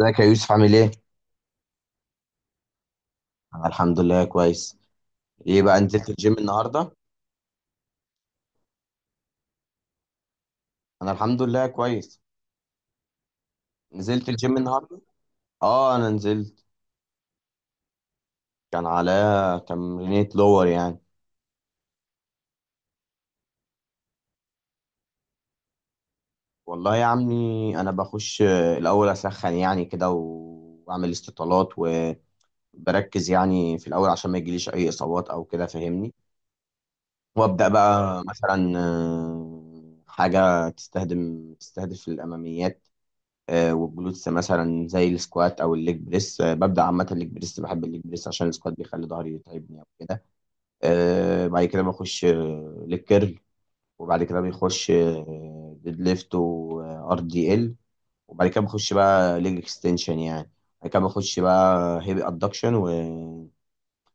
ازيك يا يوسف؟ عامل ايه؟ انا الحمد لله كويس. ايه بقى، نزلت تمام الجيم النهارده؟ انا الحمد لله كويس. نزلت الجيم النهارده؟ اه انا نزلت. كان عليا تمرينة لور يعني. والله يا عمي انا بخش الاول اسخن يعني كده واعمل استطالات، وبركز يعني في الاول عشان ما يجيليش اي اصابات او كده، فاهمني؟ وابدا بقى مثلا حاجه تستهدف الاماميات والجلوتس، مثلا زي السكوات او الليج بريس. ببدا عامه الليج بريس، بحب الليج بريس عشان السكوات بيخلي ظهري يتعبني او كده. بعد كده بخش ليج كيرل. وبعد كده بيخش ديد ليفت وار دي ال. وبعد كده بخش بقى ليج اكستنشن يعني. بعد كده بخش بقى هيفي ادكشن و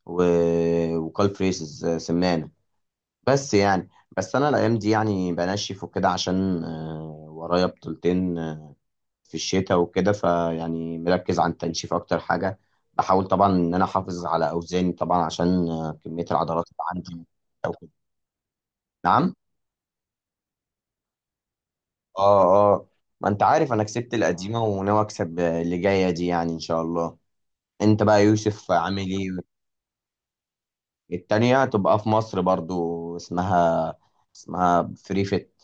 و وكال فريسز سمانه. بس يعني، بس انا الايام دي يعني بنشف وكده، عشان ورايا بطولتين في الشتاء وكده، فيعني مركز على التنشيف اكتر حاجه. بحاول طبعا ان انا احافظ على اوزاني طبعا، عشان كميه العضلات اللي عندي او كده. نعم. اه. اه، ما انت عارف انا كسبت القديمه وناوي اكسب اللي جايه دي يعني ان شاء الله. انت بقى يا يوسف عامل ايه؟ التانية تبقى في مصر برضو، اسمها، اسمها فري فيت.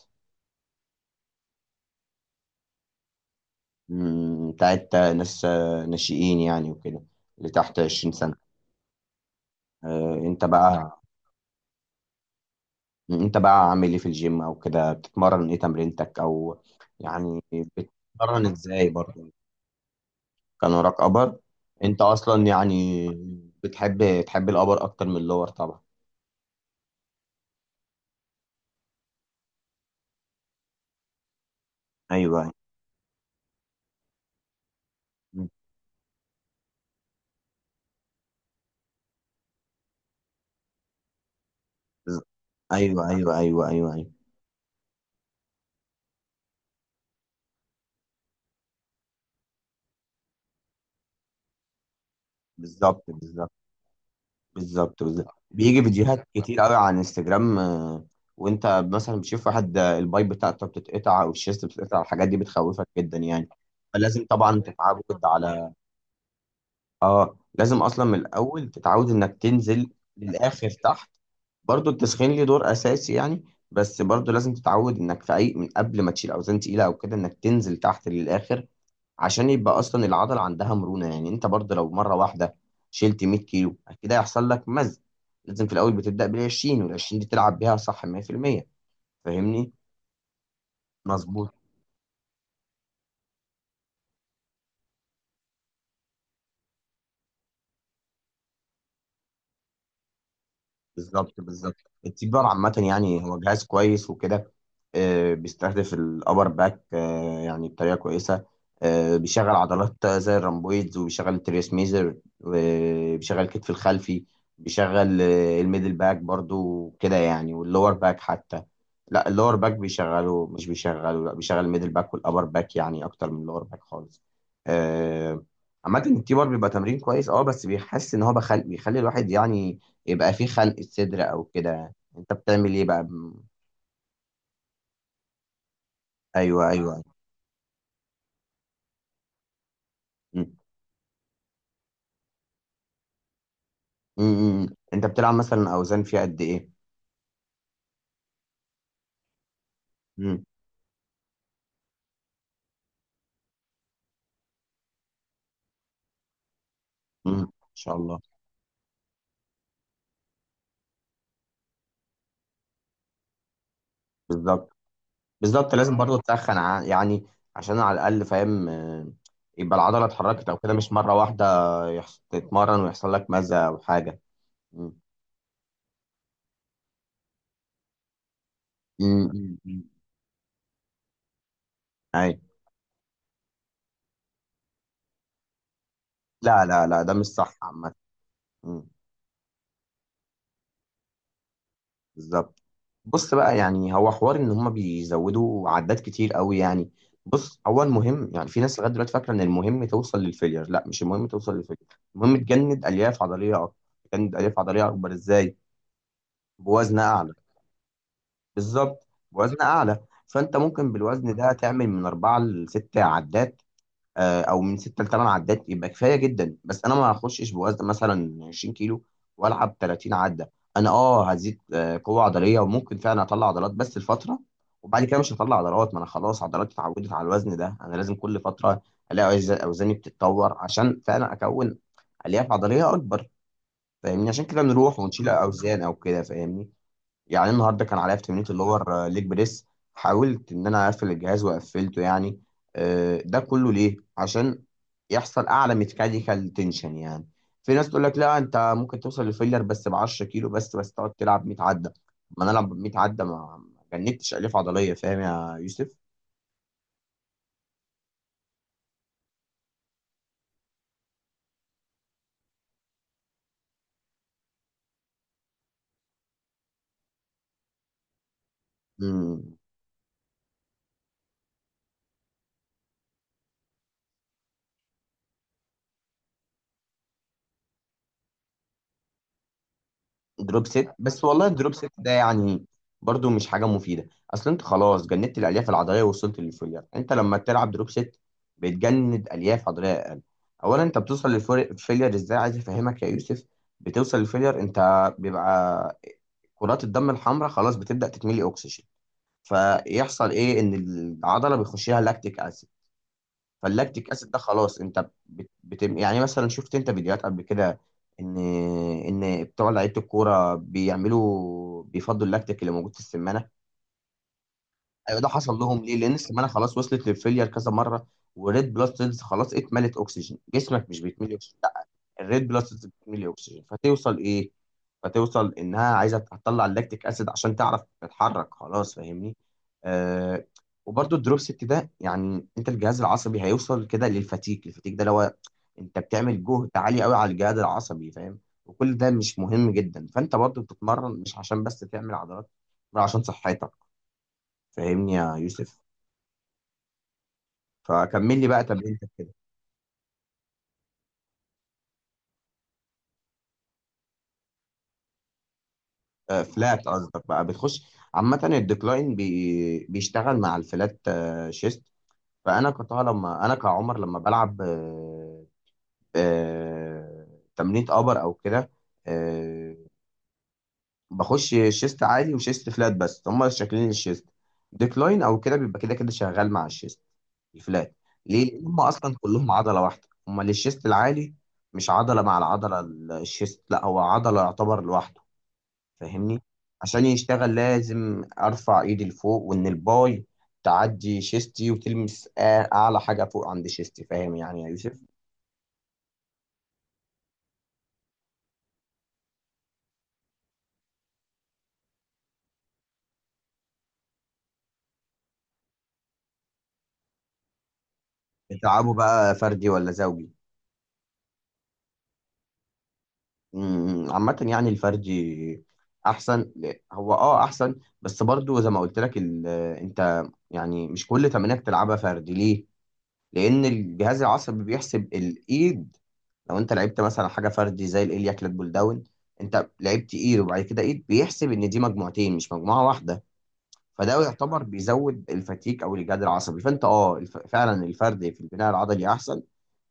مم، بتاعت ناس ناشئين يعني وكده، اللي تحت 20 سنة. انت بقى، انت بقى عامل ايه في الجيم او كده؟ بتتمرن ايه تمرينتك؟ او يعني بتتمرن ازاي برضه؟ كان وراك ابر. انت اصلا يعني بتحب، تحب الابر اكتر من اللور طبعا. ايوه. بز- ايوه ايوه ايوه ايوه ايوه. بالظبط بالظبط. بالظبط بالظبط، بيجي فيديوهات كتير قوي على انستجرام. وانت مثلا بتشوف واحد البايب بتاعته بتتقطع او الشيست بتتقطع، الحاجات دي بتخوفك جدا يعني. فلازم طبعا تتعود على، لازم اصلا من الاول تتعود انك تنزل للاخر تحت. برضو التسخين ليه دور اساسي يعني، بس برضو لازم تتعود انك في اي، من قبل ما تشيل اوزان تقيله او كده، انك تنزل تحت للاخر، عشان يبقى اصلا العضله عندها مرونه. يعني انت برضو لو مره واحده شلت 100 كيلو، كده هيحصل لك مزق. لازم في الاول بتبدا بال 20، وال 20 دي تلعب بيها صح 100%. فاهمني؟ مظبوط. بالظبط بالظبط. التيك باور عامة يعني هو جهاز كويس وكده، بيستهدف الأبر باك يعني بطريقة كويسة. بيشغل عضلات زي الرامبويدز، وبيشغل التريس ميزر، وبيشغل الكتف الخلفي. بيشغل الميدل باك برضو كده يعني، واللور باك حتى. لا، اللور باك بيشغله، لا بيشغل الميدل باك والأبر باك يعني أكتر من اللور باك خالص. آه، عامة التي بار بيبقى تمرين كويس اه، بس بيحس ان هو بيخلي الواحد يعني يبقى في خلق صدر او كده. انت بتعمل ايه بقى ايوه ايوه أيوه. مم. مم. مم. انت بتلعب مثلا اوزان فيها قد ايه؟ مم. مم. ان شاء الله. بالظبط. بالظبط لازم برضو تسخن يعني، عشان على الاقل فاهم يبقى العضله اتحركت او كده، مش مره واحده تتمرن ويحصل لك مزه او حاجه. مم. مم. مم. مم. اي. لا لا لا، ده مش صح عامه. مم. بالظبط. بص بقى يعني، هو حوار ان هم بيزودوا عدات كتير قوي يعني. بص، هو المهم يعني، في ناس لغايه دلوقتي فاكره ان المهم توصل للفيلير. لا، مش المهم توصل للفيلير، المهم تجند الياف عضليه اكتر. تجند الياف عضليه اكبر ازاي؟ بوزن اعلى. بالظبط. بوزن اعلى. فانت ممكن بالوزن ده تعمل من اربعه لست عدات، او من 6 ل 8 عدات، يبقى كفايه جدا. بس انا ما هخشش بوزن مثلا 20 كيلو والعب 30 عده. انا اه هزيد قوه عضليه، وممكن فعلا اطلع عضلات بس الفتره، وبعد كده مش هطلع عضلات. ما انا خلاص عضلاتي اتعودت على الوزن ده، انا لازم كل فتره الاقي اوزاني بتتطور، عشان فعلا اكون الياف عضليه اكبر. فاهمني؟ عشان كده بنروح ونشيل اوزان او كده، فاهمني؟ يعني النهارده كان عليا في تمرينة اللور ليج بريس، حاولت ان انا اقفل الجهاز وقفلته يعني. ده كله ليه؟ عشان يحصل اعلى ميكانيكال تنشن يعني. في ناس تقول لك لا، انت ممكن توصل لفيلر بس ب 10 كيلو، بس بس تقعد تلعب 100 عده. ما انا العب 100 عده، ما جنبتش الياف عضليه. فاهم يا يوسف؟ دروب ست؟ بس والله الدروب ست ده يعني برضو مش حاجة مفيدة. اصل انت خلاص جندت الالياف العضلية ووصلت للفوليار، انت لما تلعب دروب ست بتجند الياف عضلية اقل. اولا انت بتوصل للفوليار ازاي، عايز افهمك يا يوسف. بتوصل للفوليار، انت بيبقى كرات الدم الحمراء خلاص بتبدأ تتملي اكسجين. فيحصل ايه، ان العضلة بيخش لها لاكتيك اسيد. فاللاكتيك اسيد ده خلاص انت يعني مثلا شفت انت فيديوهات قبل كده ان ان بتوع لعيبه الكوره بيعملوا، بيفضوا اللاكتيك اللي موجود في السمانه. ايوه، ده حصل لهم ليه؟ لان السمانه خلاص وصلت للفيلير كذا مره، والريد بلاد سيلز خلاص اتملت اكسجين. جسمك مش بيتملي اكسجين، الريد بلس سيلز بتميل اكسجين. فتوصل ايه؟ فتوصل انها عايزه تطلع اللاكتيك اسيد عشان تعرف تتحرك خلاص. فاهمني؟ آه. وبرده الدروب ست ده يعني، انت الجهاز العصبي هيوصل كده للفتيك، الفتيك ده اللي هو انت بتعمل جهد عالي قوي على الجهاز العصبي. فاهم؟ وكل ده مش مهم جدا. فانت برضو بتتمرن مش عشان بس تعمل عضلات، بل عشان صحتك. فاهمني يا يوسف؟ فكمل لي بقى تمرينتك. فلات قصدك بقى بتخش؟ عامة الديكلاين بي بيشتغل مع الفلات شيست. فأنا كطه لما أنا كعمر لما بلعب آه، تمرينة أبر أو كده، آه، بخش شيست عالي وشيست فلات، بس هما شكلين الشيست. ديكلاين أو كده بيبقى كده كده شغال مع الشيست الفلات. ليه؟ لأن هما أصلا كلهم عضلة واحدة، هما للشيست العالي، مش عضلة مع العضلة. الشيست لا، هو عضلة يعتبر لوحده. فاهمني؟ عشان يشتغل لازم ارفع ايدي لفوق، وان الباي تعدي شيستي وتلمس اعلى حاجه فوق عند شيستي. فاهم يعني يا يوسف؟ بتلعبه بقى فردي ولا زوجي؟ أمم، عامه يعني الفردي احسن هو اه احسن، بس برضو زي ما قلت لك انت يعني مش كل تمرينك تلعبها فردي. ليه؟ لان الجهاز العصبي بيحسب الايد، لو انت لعبت مثلا حاجه فردي زي الاليا كلات بول داون، انت لعبت ايد وبعد كده ايد، بيحسب ان دي مجموعتين مش مجموعه واحده. فده يعتبر بيزود الفتيك او الجهاد العصبي. فانت اه فعلا الفردي في البناء العضلي احسن،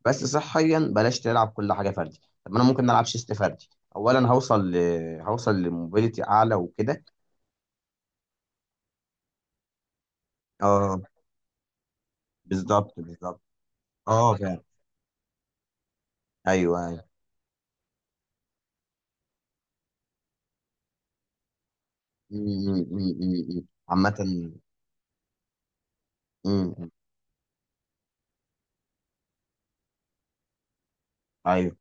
بس صحيا بلاش تلعب كل حاجه فردي. طب ما انا ممكن العب شيست فردي، اولا هوصل هوصل لموبيليتي اعلى وكده. اه بالظبط بالظبط. اه فعلا. ايوه ايوه. م- م- م- م- م. عامه. ايوه.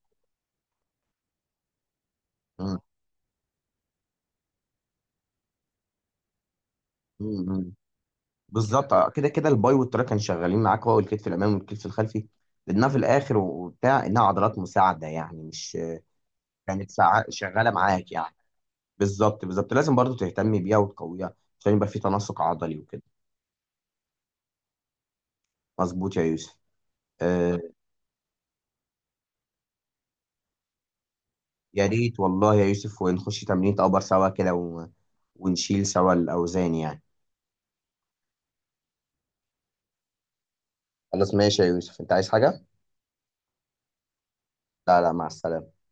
مم. مم. مم. بالظبط كده كده الباي والتراي كانوا شغالين معاك، هو الكتف الامامي والكتف الخلفي لانها في الاخر وبتاع انها عضلات مساعده يعني، مش كانت ساعة شغاله معاك يعني. بالظبط بالظبط، لازم برضو تهتمي بيها وتقويها عشان يبقى في تناسق عضلي وكده. مظبوط يا يوسف. آه. يا ريت والله يا يوسف، ونخش تمرين ابر سوا كده و... ونشيل سوا الاوزان يعني. خلاص ماشي يا يوسف، انت عايز حاجه؟ لا لا، مع السلامه.